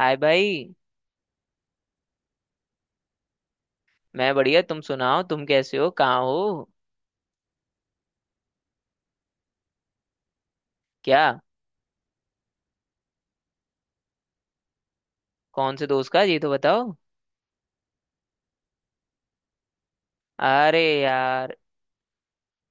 हाय भाई। मैं बढ़िया, तुम सुनाओ, तुम कैसे हो, कहाँ हो? क्या? कौन से दोस्त का, ये तो बताओ। अरे यार,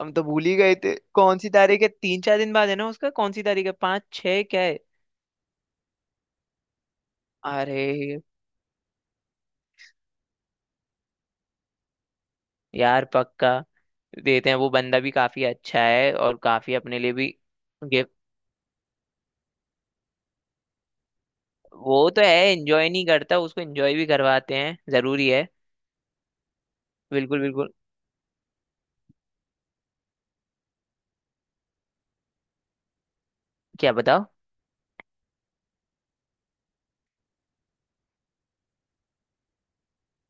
हम तो भूल ही गए थे। कौन सी तारीख है? 3 4 दिन बाद है ना उसका? कौन सी तारीख है, 5 6, क्या है? अरे यार, पक्का देते हैं। वो बंदा भी काफी अच्छा है और काफी अपने लिए भी। गिफ्ट। वो तो है, एंजॉय नहीं करता, उसको एंजॉय भी करवाते हैं, जरूरी है। बिल्कुल बिल्कुल। क्या बताओ?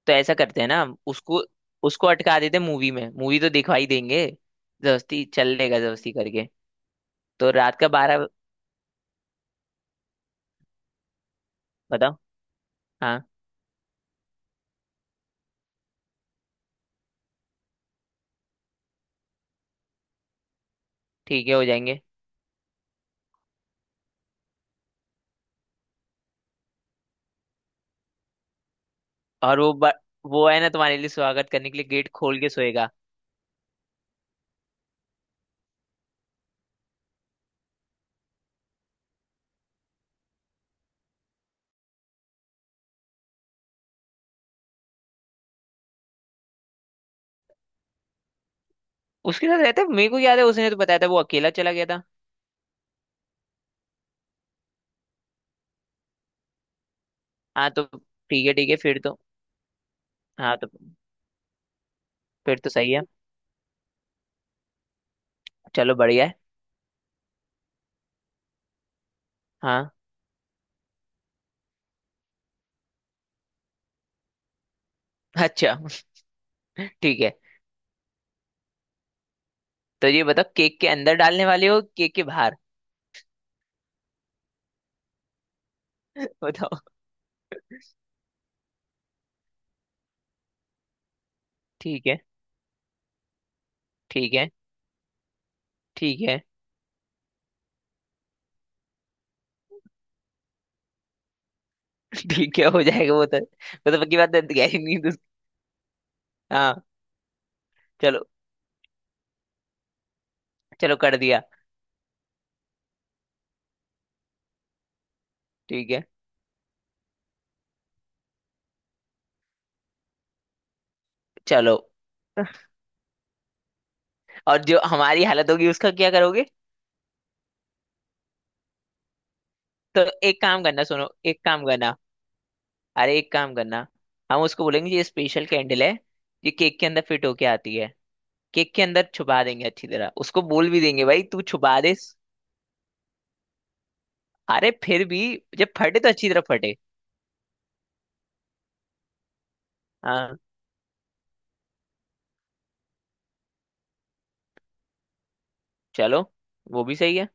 तो ऐसा करते हैं ना हम उसको उसको अटका देते हैं मूवी में। मूवी तो दिखा ही देंगे। जबरदस्ती चल लेगा, जबरदस्ती करके। तो रात का 12। बताओ। हाँ। ठीक है, हो जाएंगे। और वो है ना, तुम्हारे लिए स्वागत करने के लिए गेट खोल के सोएगा। उसके साथ रहता है, मेरे को याद है, उसने तो बताया था, वो अकेला चला गया था। हाँ तो ठीक है ठीक है, फिर तो। हाँ तो फिर तो सही है। चलो बढ़िया है। हाँ। अच्छा। ठीक है। तो ये बताओ, केक के अंदर डालने वाले हो, केक के बाहर? बताओ। ठीक है ठीक है। ठीक है ठीक है, हो जाएगा। वो तो पक्की बात है, गहरी नींद हाँ। चलो। चलो, कर दिया। ठीक है। चलो। और जो हमारी हालत होगी, उसका क्या करोगे? तो एक काम करना, सुनो, एक काम करना। अरे एक काम करना। हम उसको बोलेंगे ये स्पेशल कैंडल है, ये केक के अंदर फिट होके आती है। केक के अंदर छुपा देंगे अच्छी तरह, उसको बोल भी देंगे भाई तू छुपा दे। अरे फिर भी, जब फटे तो अच्छी तरह फटे। हाँ। चलो, वो भी सही है।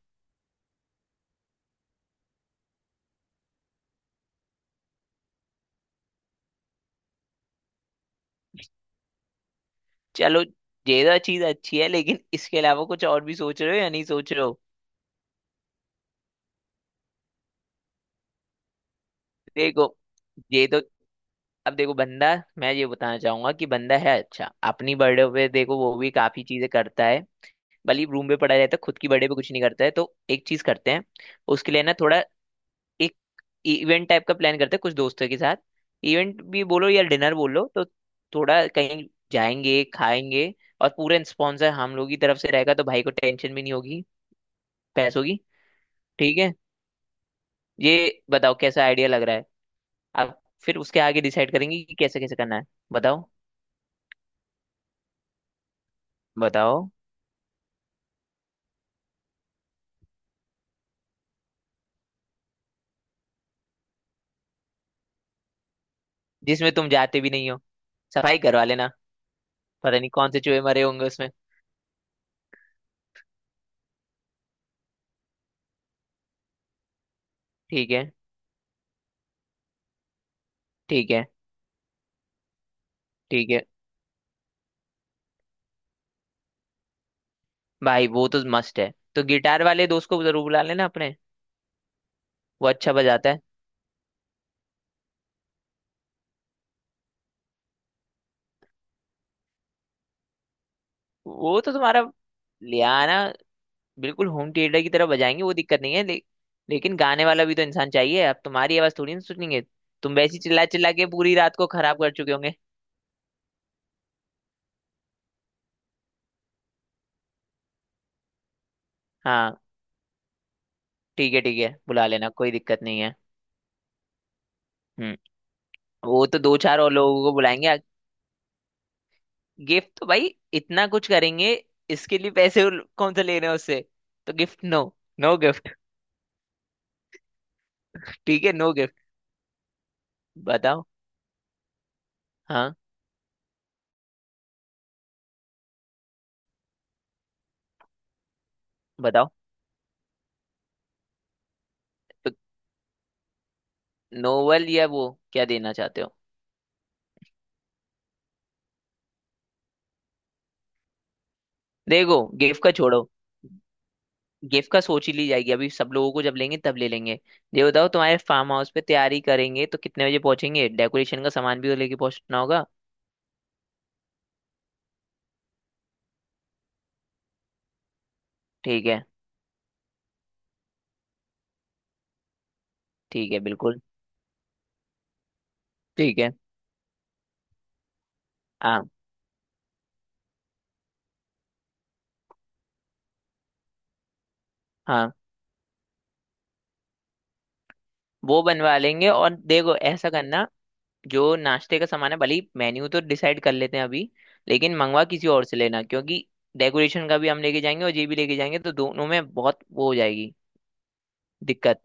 चलो, ये तो चीज अच्छी है। लेकिन इसके अलावा कुछ और भी सोच रहे हो या नहीं सोच रहे हो? देखो, ये तो, अब देखो बंदा, मैं ये बताना चाहूंगा कि बंदा है अच्छा। अपनी बर्थडे पे देखो वो भी काफी चीजें करता है। भले रूम पे पड़ा रहता है, खुद की बर्थडे पे कुछ नहीं करता है, तो एक चीज करते हैं। उसके लिए ना थोड़ा एक इवेंट टाइप का प्लान करते हैं कुछ दोस्तों के साथ। इवेंट भी बोलो या डिनर बोलो, तो थोड़ा कहीं जाएंगे, खाएंगे। और पूरे स्पॉन्सर हम लोग की तरफ से रहेगा, तो भाई को टेंशन भी नहीं होगी पैसों की। ठीक है, ये बताओ कैसा आइडिया लग रहा है? अब फिर उसके आगे डिसाइड करेंगे कि कैसे कैसे करना है। बताओ बताओ। जिसमें तुम जाते भी नहीं हो। सफाई करवा लेना, पता नहीं कौन से चूहे मरे होंगे उसमें। ठीक है ठीक है। ठीक है भाई, वो तो मस्त है, तो गिटार वाले दोस्त को जरूर बुला लेना अपने। वो अच्छा बजाता है। वो तो तुम्हारा, ले आना। बिल्कुल होम थिएटर की तरह बजाएंगे, वो दिक्कत नहीं है लेकिन गाने वाला भी तो इंसान चाहिए। अब तुम्हारी आवाज थोड़ी ना सुनेंगे, तुम वैसी चिल्ला चिल्ला के पूरी रात को खराब कर चुके होंगे। हाँ, ठीक है ठीक है, बुला लेना, कोई दिक्कत नहीं है। हम्म, वो तो दो चार और लोगों को बुलाएंगे। गिफ्ट तो भाई इतना कुछ करेंगे, इसके लिए पैसे कौन से ले रहे हैं उससे? तो गिफ्ट, नो। No gift. ठीक है, नो गिफ्ट। बताओ। हाँ बताओ। तो नोवेल, या वो क्या देना चाहते हो? देखो गिफ्ट का छोड़ो, गिफ्ट का सोच ही ली जाएगी अभी। सब लोगों को जब लेंगे तब ले लेंगे। ये बताओ, तुम्हारे फार्म हाउस पे तैयारी करेंगे तो कितने बजे पहुंचेंगे? डेकोरेशन का सामान भी तो लेके पहुंचना होगा। ठीक है ठीक है बिल्कुल। ठीक है। हाँ हाँ। वो बनवा लेंगे और देखो, ऐसा करना। जो नाश्ते का सामान है, भले ही मेन्यू तो डिसाइड कर लेते हैं अभी, लेकिन मंगवा किसी और से लेना, क्योंकि डेकोरेशन का भी हम लेके जाएंगे और ये भी लेके जाएंगे, तो दोनों में बहुत वो हो जाएगी, दिक्कत।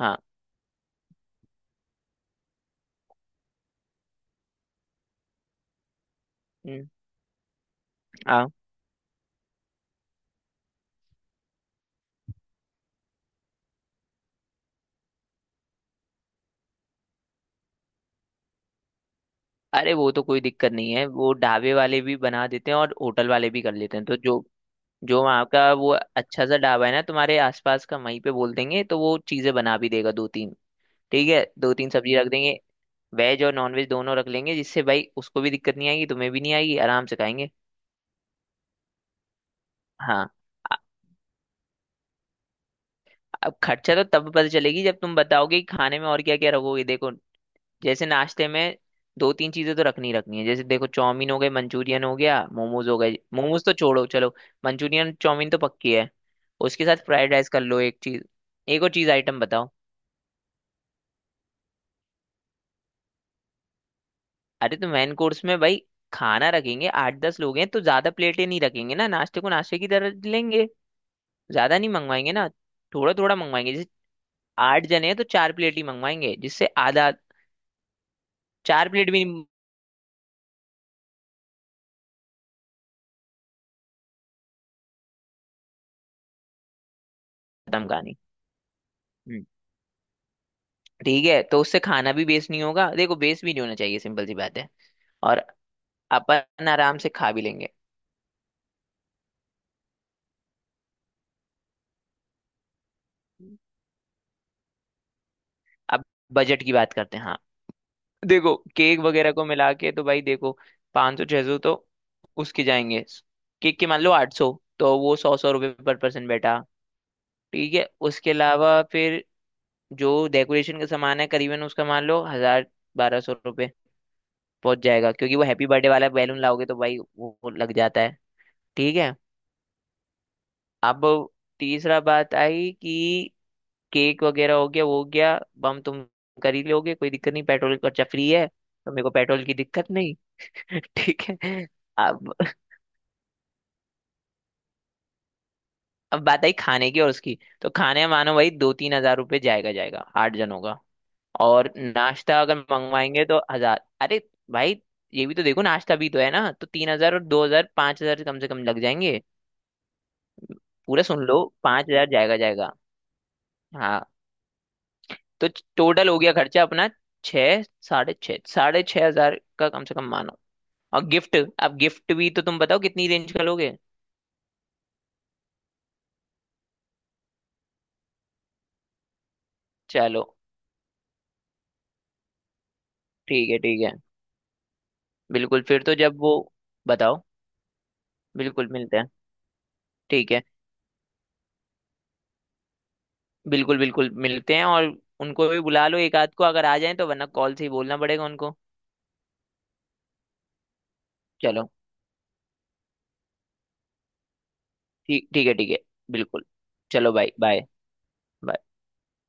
हाँ। हम्म, हाँ। अरे वो तो कोई दिक्कत नहीं है, वो ढाबे वाले भी बना देते हैं और होटल वाले भी कर लेते हैं, तो जो, जो वहाँ का वो अच्छा सा ढाबा है ना तुम्हारे आसपास का, वहीं पे बोल देंगे तो वो चीज़ें बना भी देगा। दो तीन, ठीक है, दो तीन सब्जी रख देंगे। वेज और नॉन वेज दोनों रख लेंगे, जिससे भाई उसको भी दिक्कत नहीं आएगी, तुम्हें भी नहीं आएगी, आराम से खाएंगे। हाँ। अब खर्चा तो तब पता चलेगी जब तुम बताओगे कि खाने में और क्या क्या रखोगे। देखो जैसे नाश्ते में दो तीन चीजें तो रखनी ही रखनी है। जैसे देखो, चाउमीन हो गए, मंचूरियन हो गया, मोमोज हो गए। मोमोज तो छोड़ो चलो, मंचूरियन चाउमीन तो पक्की है। उसके साथ फ्राइड राइस कर लो, एक चीज। एक और चीज आइटम बताओ। अरे तो मेन कोर्स में भाई खाना रखेंगे, 8 10 लोग हैं तो ज्यादा प्लेटें नहीं रखेंगे ना, नाश्ते को नाश्ते की तरह लेंगे, ज्यादा नहीं मंगवाएंगे ना। थोड़ा थोड़ा मंगवाएंगे, जैसे आठ जने हैं तो चार प्लेट ही मंगवाएंगे, जिससे आधा, चार प्लेट भी नहीं। खत्म कहानी। हम्म, ठीक है, तो उससे खाना भी वेस्ट नहीं होगा। देखो वेस्ट भी नहीं होना चाहिए, सिंपल सी बात है। और अपन आराम से खा भी लेंगे। अब बजट की बात करते हैं। हाँ देखो, केक वगैरह को मिला के तो भाई देखो, 500 600 तो उसके जाएंगे। केक के मान लो 800। तो वो 100 100 रुपये पर पर्सन बैठा। ठीक है, उसके अलावा फिर जो डेकोरेशन का सामान है, करीबन उसका मान लो 1000 1200 रुपये पहुंच जाएगा, क्योंकि वो हैप्पी बर्थडे वाला बैलून लाओगे तो भाई वो लग जाता है। ठीक है। अब तीसरा बात आई कि केक वगैरह हो गया, वो हो गया, बम तुम कर ही लोगे, कोई दिक्कत नहीं, पेट्रोल का खर्चा फ्री है, तो मेरे को पेट्रोल की दिक्कत नहीं। ठीक है। अब अब बात आई खाने की, और उसकी तो खाने मानो भाई 2 3 हजार रुपये जाएगा जाएगा आठ जनों का। और नाश्ता अगर मंगवाएंगे तो 1 हजार, अरे भाई ये भी तो देखो, नाश्ता भी तो है ना, तो 3 हजार और 2 हजार, 5 हजार कम से कम लग जाएंगे। पूरा सुन लो, 5 हजार जाएगा जाएगा। हाँ। तो टोटल हो गया खर्चा अपना, छः साढ़े छः हजार का कम से कम मानो। और गिफ्ट, अब गिफ्ट भी तो तुम बताओ कितनी रेंज का लोगे? चलो ठीक है ठीक है। बिल्कुल फिर तो, जब वो, बताओ। बिल्कुल मिलते हैं। ठीक है बिल्कुल बिल्कुल, मिलते हैं। और उनको भी बुला लो एक आध को, अगर आ जाए तो, वरना कॉल से ही बोलना पड़ेगा उनको। चलो, ठीक ठीक है ठीक है। बिल्कुल। चलो भाई, बाय। बाय।